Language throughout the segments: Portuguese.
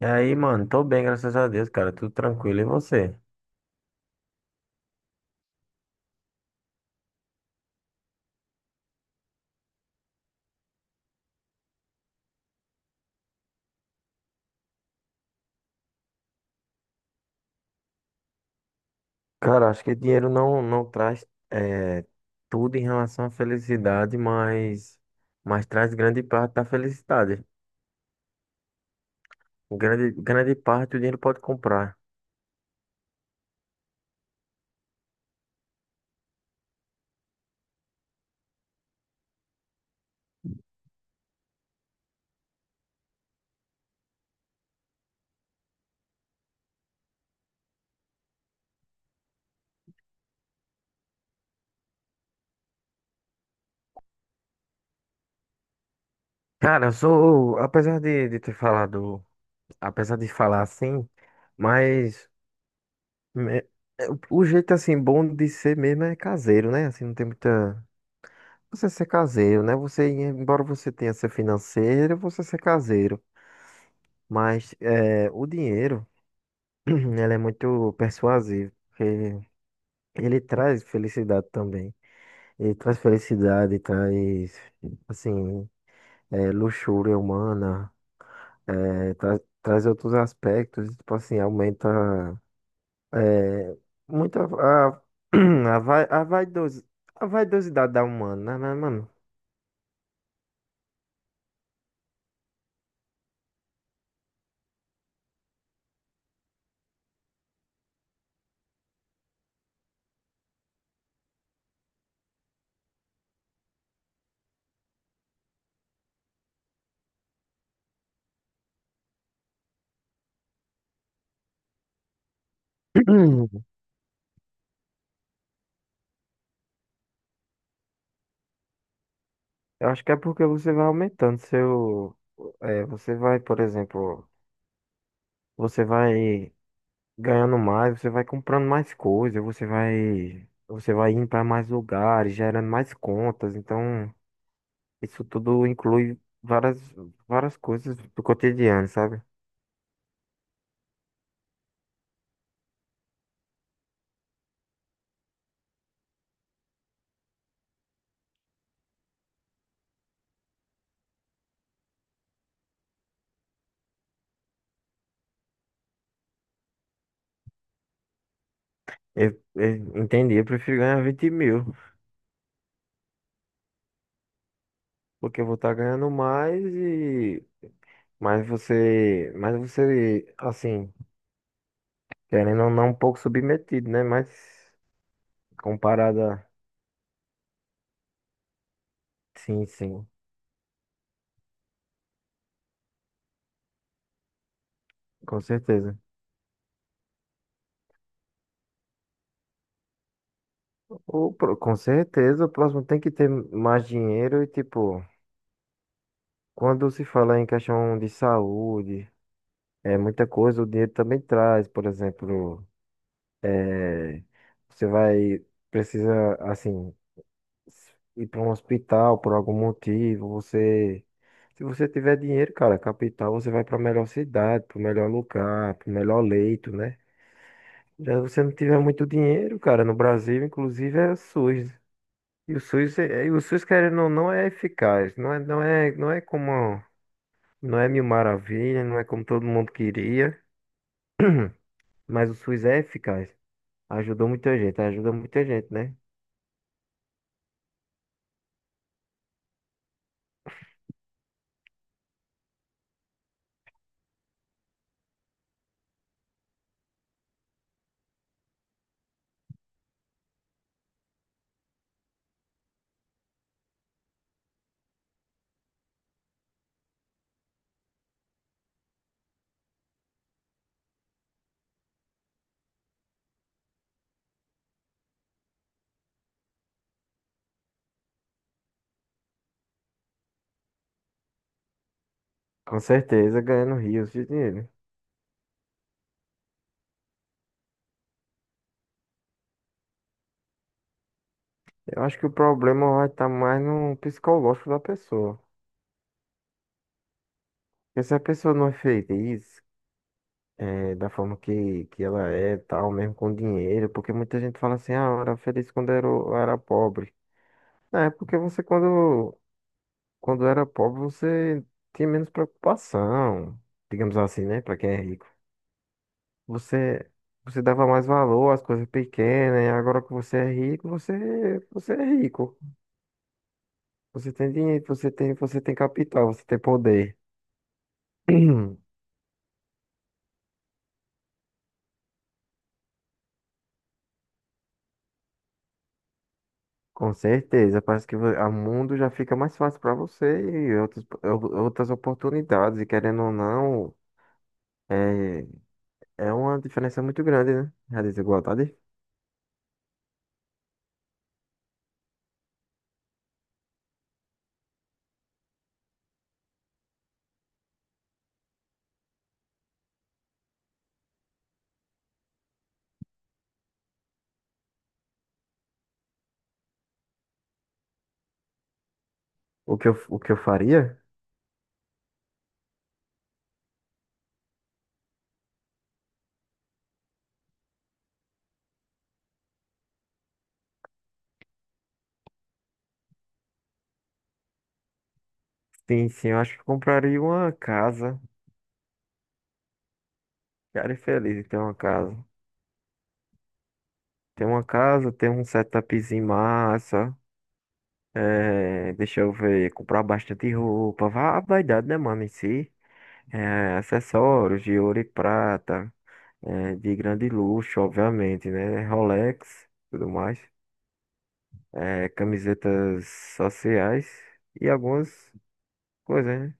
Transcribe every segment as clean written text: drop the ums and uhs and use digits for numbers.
E aí, mano, tô bem, graças a Deus, cara, tudo tranquilo. E você? Cara, acho que dinheiro não traz eh, tudo em relação à felicidade, mas traz grande parte da felicidade. Grande, grande parte o dinheiro pode comprar. Cara, eu sou, apesar de ter falado, apesar de falar assim, mas me- o jeito assim bom de ser mesmo é caseiro, né? Assim, não tem muita. Você ser caseiro, né? Você, embora você tenha ser financeiro, você ser caseiro. Mas o dinheiro, ele é muito persuasivo, porque ele traz felicidade também. Ele traz felicidade, traz, assim, luxúria humana, traz outros aspectos, tipo assim, aumenta é, muito a, vai- a, vaidosi- a vaidosidade da humana, né, mano? Hum, eu acho que é porque você vai aumentando seu. É, você vai, por exemplo, você vai. Ganhando mais, você vai comprando mais coisas, você vai indo para mais lugares, gerando mais contas. Então, isso tudo inclui várias, várias coisas do cotidiano, sabe? Eu entendi, eu prefiro ganhar 20 mil, porque eu vou estar ganhando mais e mas você, assim, querendo ou não, um pouco submetido, né? Mas comparado a... Sim, sim, com certeza. Com certeza, o próximo tem que ter mais dinheiro e, tipo, quando se fala em questão de saúde, é muita coisa, o dinheiro também traz, por exemplo, eh, você vai, precisa, assim, ir para um hospital por algum motivo, você, se você tiver dinheiro, cara, capital, você vai para a melhor cidade, para o melhor lugar, para o melhor leito, né? Já se você não tiver muito dinheiro, cara, no Brasil, inclusive, é o SUS. E o SUS, querendo ou não, é eficaz, não é como. Não é mil maravilha, não é como todo mundo queria, mas o SUS é eficaz. Ajudou muita gente, ajuda muita gente, né? Com certeza, ganhando rios de dinheiro. Eu acho que o problema vai estar mais no psicológico da pessoa. Porque se a pessoa não é feliz, da forma que ela é, tal, mesmo com dinheiro, porque muita gente fala assim, ah, eu era feliz quando era, eu era pobre. Não, é porque você, quando, quando era pobre, você tinha menos preocupação, digamos assim, né? Pra quem é rico. Você, você dava mais valor às coisas pequenas, e agora que você é rico, você, você é rico. Você tem dinheiro, você tem capital, você tem poder. Com certeza, parece que o mundo já fica mais fácil para você e outras oportunidades, e querendo ou não, é, é uma diferença muito grande, né? A desigualdade. O que eu faria? Sim, sim, eu acho que eu compraria uma casa. Ficaria feliz em ter uma casa. Ter uma casa, ter um setupzinho massa. É, deixa eu ver, comprar bastante roupa, vá a vaidade, né, mano, em si. É, acessórios de ouro e prata, é, de grande luxo, obviamente, né? Rolex, tudo mais. É, camisetas sociais e algumas coisas, né?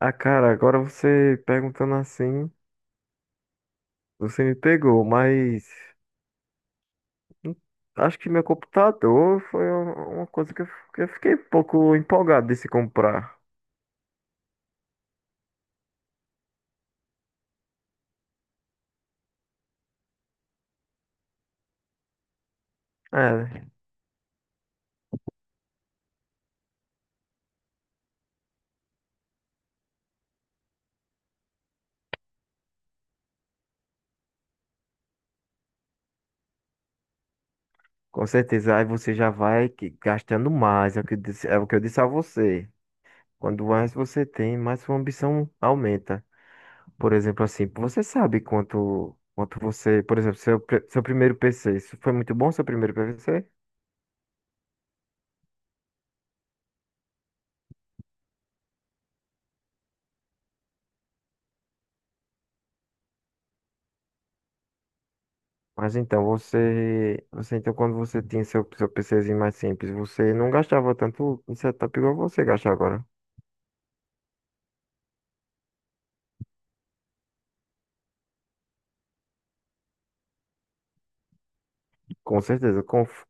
Ah, cara, agora você perguntando assim, você me pegou, mas hum, acho que meu computador foi uma coisa que eu fiquei um pouco empolgado de se comprar. É, né? Com certeza, aí você já vai gastando mais, é o que eu disse, é o que eu disse a você. Quando mais você tem, mais sua ambição aumenta. Por exemplo, assim, você sabe quanto você, por exemplo, seu primeiro PC, isso foi muito bom seu primeiro PC? Mas então, você, você então quando você tinha seu, seu PCzinho mais simples, você não gastava tanto em setup igual você gasta agora. Com certeza,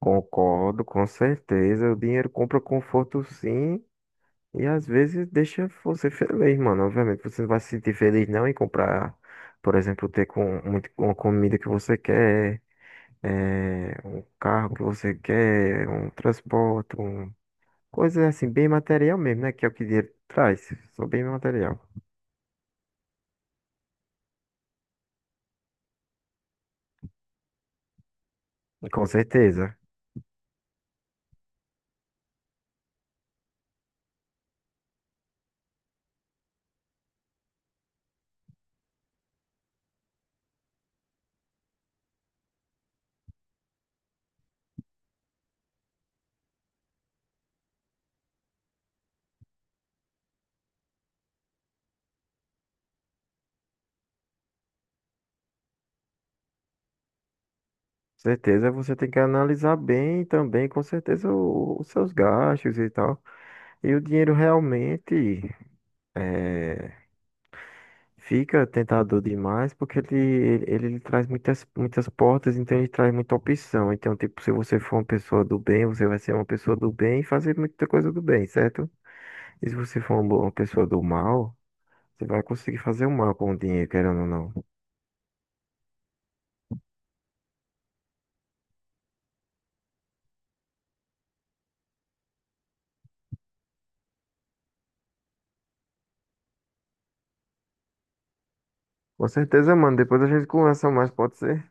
concordo, com certeza, o dinheiro compra conforto sim, e às vezes deixa você feliz, mano. Obviamente, você não vai se sentir feliz não em comprar, por exemplo, ter com muito, uma comida que você quer, um carro que você quer, um transporte, um... coisas assim, bem material mesmo, né? Que é o que dinheiro traz, só bem material. Com certeza. Você tem que analisar bem também, com certeza, os seus gastos e tal. E o dinheiro realmente eh, fica tentador demais porque ele lhe traz muitas, muitas portas, então ele traz muita opção. Então, tipo, se você for uma pessoa do bem, você vai ser uma pessoa do bem e fazer muita coisa do bem, certo? E se você for uma pessoa do mal, você vai conseguir fazer o mal com o dinheiro, querendo ou não. Com certeza, mano. Depois a gente conversa mais, pode ser?